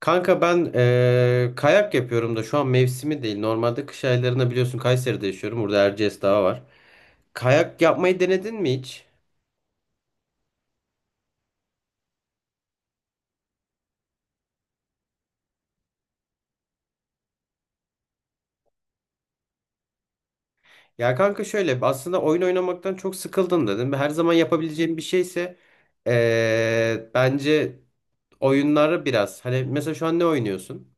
Kanka ben kayak yapıyorum da şu an mevsimi değil. Normalde kış aylarında biliyorsun Kayseri'de yaşıyorum. Burada Erciyes Dağı var. Kayak yapmayı denedin mi hiç? Ya kanka şöyle aslında oyun oynamaktan çok sıkıldım dedim. Her zaman yapabileceğim bir şeyse bence oyunları biraz. Hani mesela şu an ne oynuyorsun?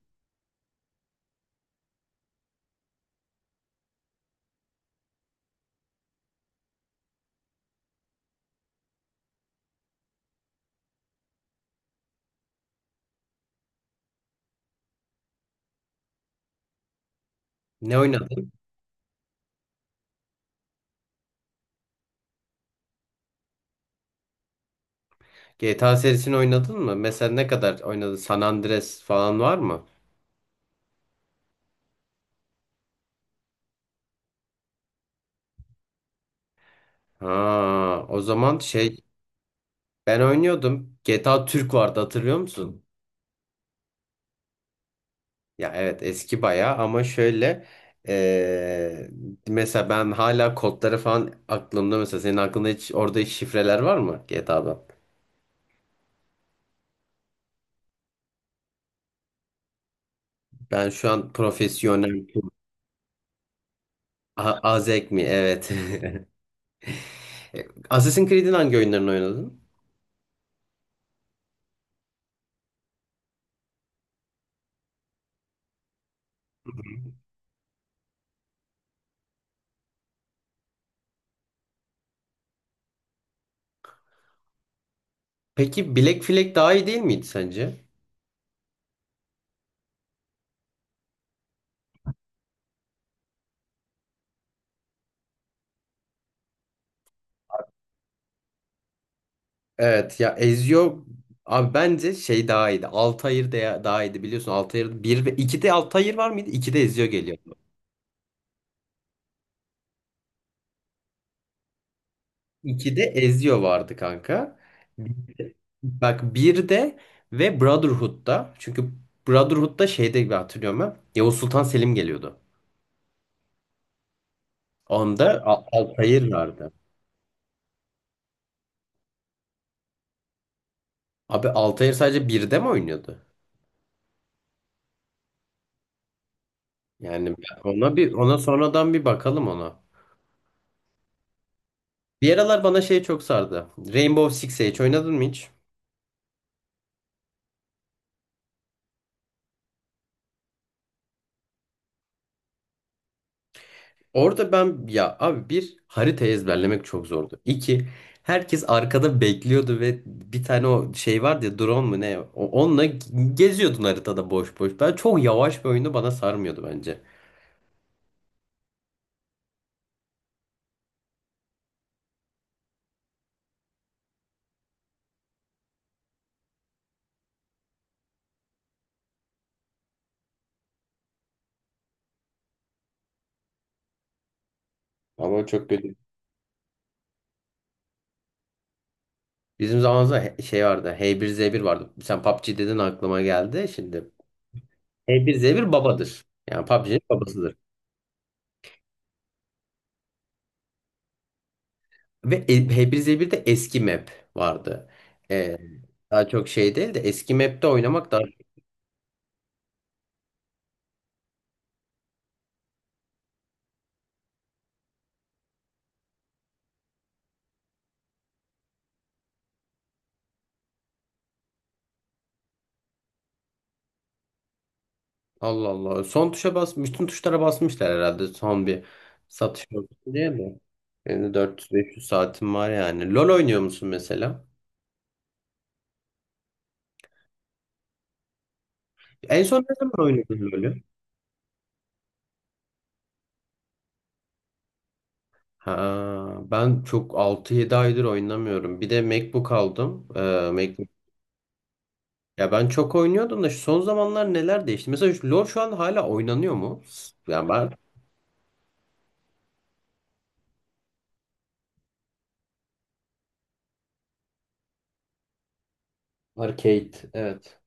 Ne oynadın? GTA serisini oynadın mı? Mesela ne kadar oynadın? San Andreas falan var mı? Ha, o zaman şey ben oynuyordum. GTA Türk vardı hatırlıyor musun? Ya evet, eski bayağı ama şöyle eee, mesela ben hala kodları falan aklımda, mesela senin aklında hiç orada hiç şifreler var mı GTA'dan? Ben şu an profesyonel Azek mi? Evet. E, Assassin's Creed'in hangi oyunlarını oynadın? Peki Black Flag daha iyi değil miydi sence? Evet ya, Ezio abi, bence şey daha iyiydi. Altair de daha iyiydi biliyorsun. Altair 1 ve 2'de Altair var mıydı? 2'de Ezio geliyordu. 2'de Ezio vardı kanka. Bak bir de, ve Brotherhood'da çünkü Brotherhood'da şeyde gibi hatırlıyorum ben. Yavuz Sultan Selim geliyordu. Onda Altair vardı. Abi Altair sadece birde mi oynuyordu? Yani ona bir, ona sonradan bir bakalım ona. Bir aralar bana şey çok sardı. Rainbow Six Siege oynadın mı hiç? Orada ben ya abi bir harita ezberlemek çok zordu. İki, herkes arkada bekliyordu ve bir tane o şey vardı ya, drone mu ne, onunla geziyordun haritada boş boş. Ben çok yavaş bir oyunu bana sarmıyordu bence. Ama çok kötü. Bizim zamanımızda şey vardı, H1Z1 vardı. Sen PUBG dedin aklıma geldi şimdi. H1Z1 babadır. Yani PUBG'nin babasıdır. Ve H1Z1'de eski map vardı. Ee, daha çok şey değil de eski map'te oynamak daha. Allah Allah. Son tuşa basmış. Bütün tuşlara basmışlar herhalde, son bir satış olsun diye mi? Benim de 400-500 saatim var yani. LoL oynuyor musun mesela? En son ne zaman oynadın LoL'ü? Ha, ben çok altı yedi aydır oynamıyorum. Bir de MacBook aldım. MacBook. Ya ben çok oynuyordum da şu son zamanlar neler değişti? Mesela şu LoL şu an hala oynanıyor mu? Yani ben... Arcade, evet.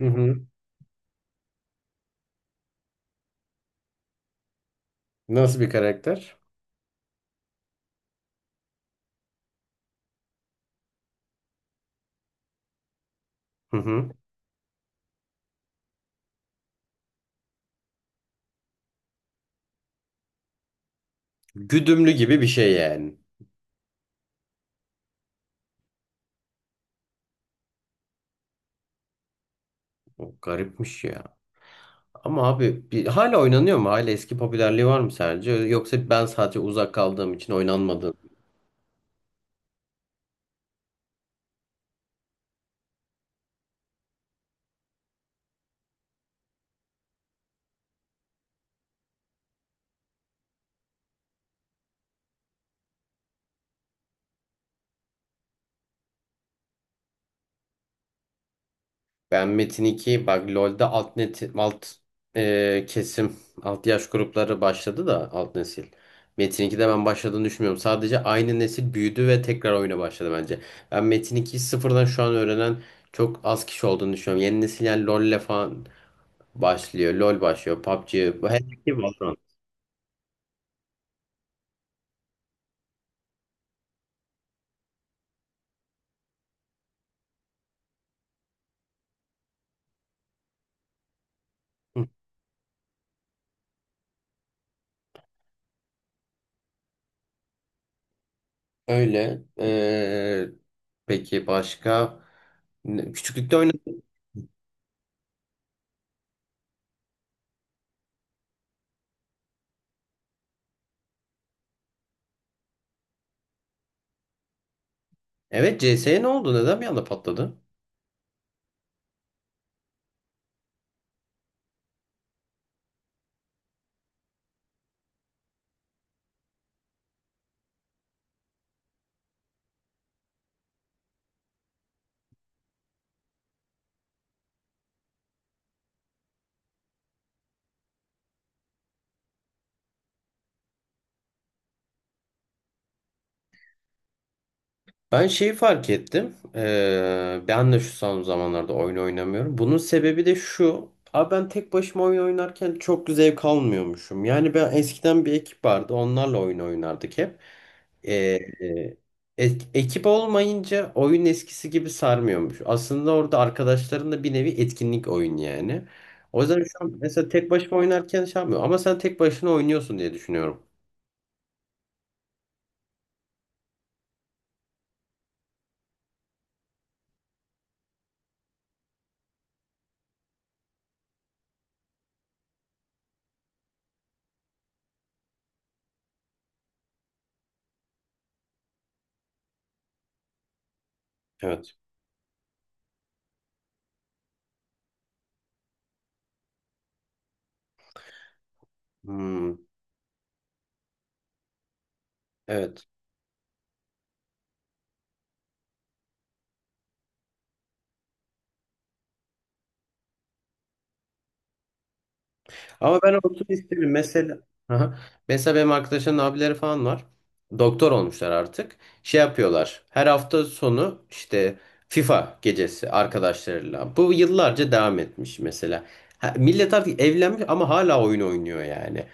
Hı hı. Nasıl bir karakter? Hı hı. Güdümlü gibi bir şey yani. O garipmiş ya. Ama abi bir, hala oynanıyor mu? Hala eski popülerliği var mı sence? Yoksa ben sadece uzak kaldığım için oynanmadı. Ben Metin 2, bak LoL'de alt net kesim, alt yaş grupları başladı da, alt nesil. Metin 2'de ben başladığını düşünmüyorum. Sadece aynı nesil büyüdü ve tekrar oyuna başladı bence. Ben Metin 2'yi sıfırdan şu an öğrenen çok az kişi olduğunu düşünüyorum. Yeni nesil yani LoL'le falan başlıyor. LoL başlıyor. PUBG. Bu her şey var. Öyle. Peki başka? Küçüklükte oynadım. Evet, CS'ye ne oldu? Neden bir anda patladı? Ben şeyi fark ettim. Ben de şu son zamanlarda oyun oynamıyorum. Bunun sebebi de şu. Abi ben tek başıma oyun oynarken çok zevk almıyormuşum. Yani ben eskiden bir ekip vardı. Onlarla oyun oynardık hep. Ee, e, ekip olmayınca oyun eskisi gibi sarmıyormuş. Aslında orada arkadaşlarınla bir nevi etkinlik, oyun yani. O yüzden şu an mesela tek başıma oynarken şey yapmıyorum. Ama sen tek başına oynuyorsun diye düşünüyorum. Evet. Hmm, evet. Ama ben olsun isterim. Mesela, aha, mesela benim arkadaşların abileri falan var. Doktor olmuşlar artık. Şey yapıyorlar. Her hafta sonu işte FIFA gecesi arkadaşlarıyla. Bu yıllarca devam etmiş mesela. Ha, millet artık evlenmiş ama hala oyun oynuyor yani.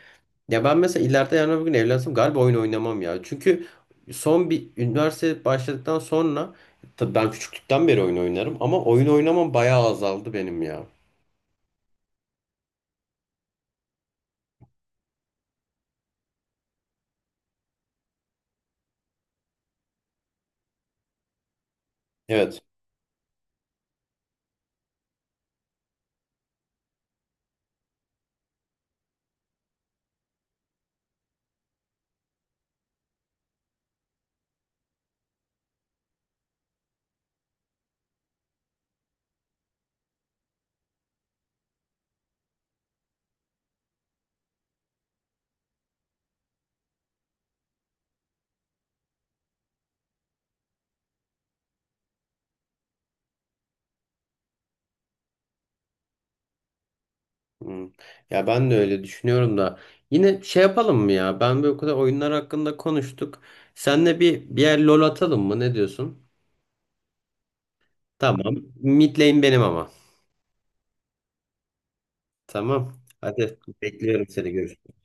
Ya ben mesela ileride yarın öbür gün evlensem galiba oyun oynamam ya. Çünkü son bir üniversite başladıktan sonra, tabii ben küçüklükten beri oyun oynarım ama oyun oynamam bayağı azaldı benim ya. Evet. Hmm. Ya ben de öyle düşünüyorum da yine şey yapalım mı ya? Ben bir o kadar oyunlar hakkında konuştuk. Senle bir yer LoL atalım mı? Ne diyorsun? Tamam. Mid lane benim ama. Tamam. Hadi bekliyorum seni. Görüşürüz.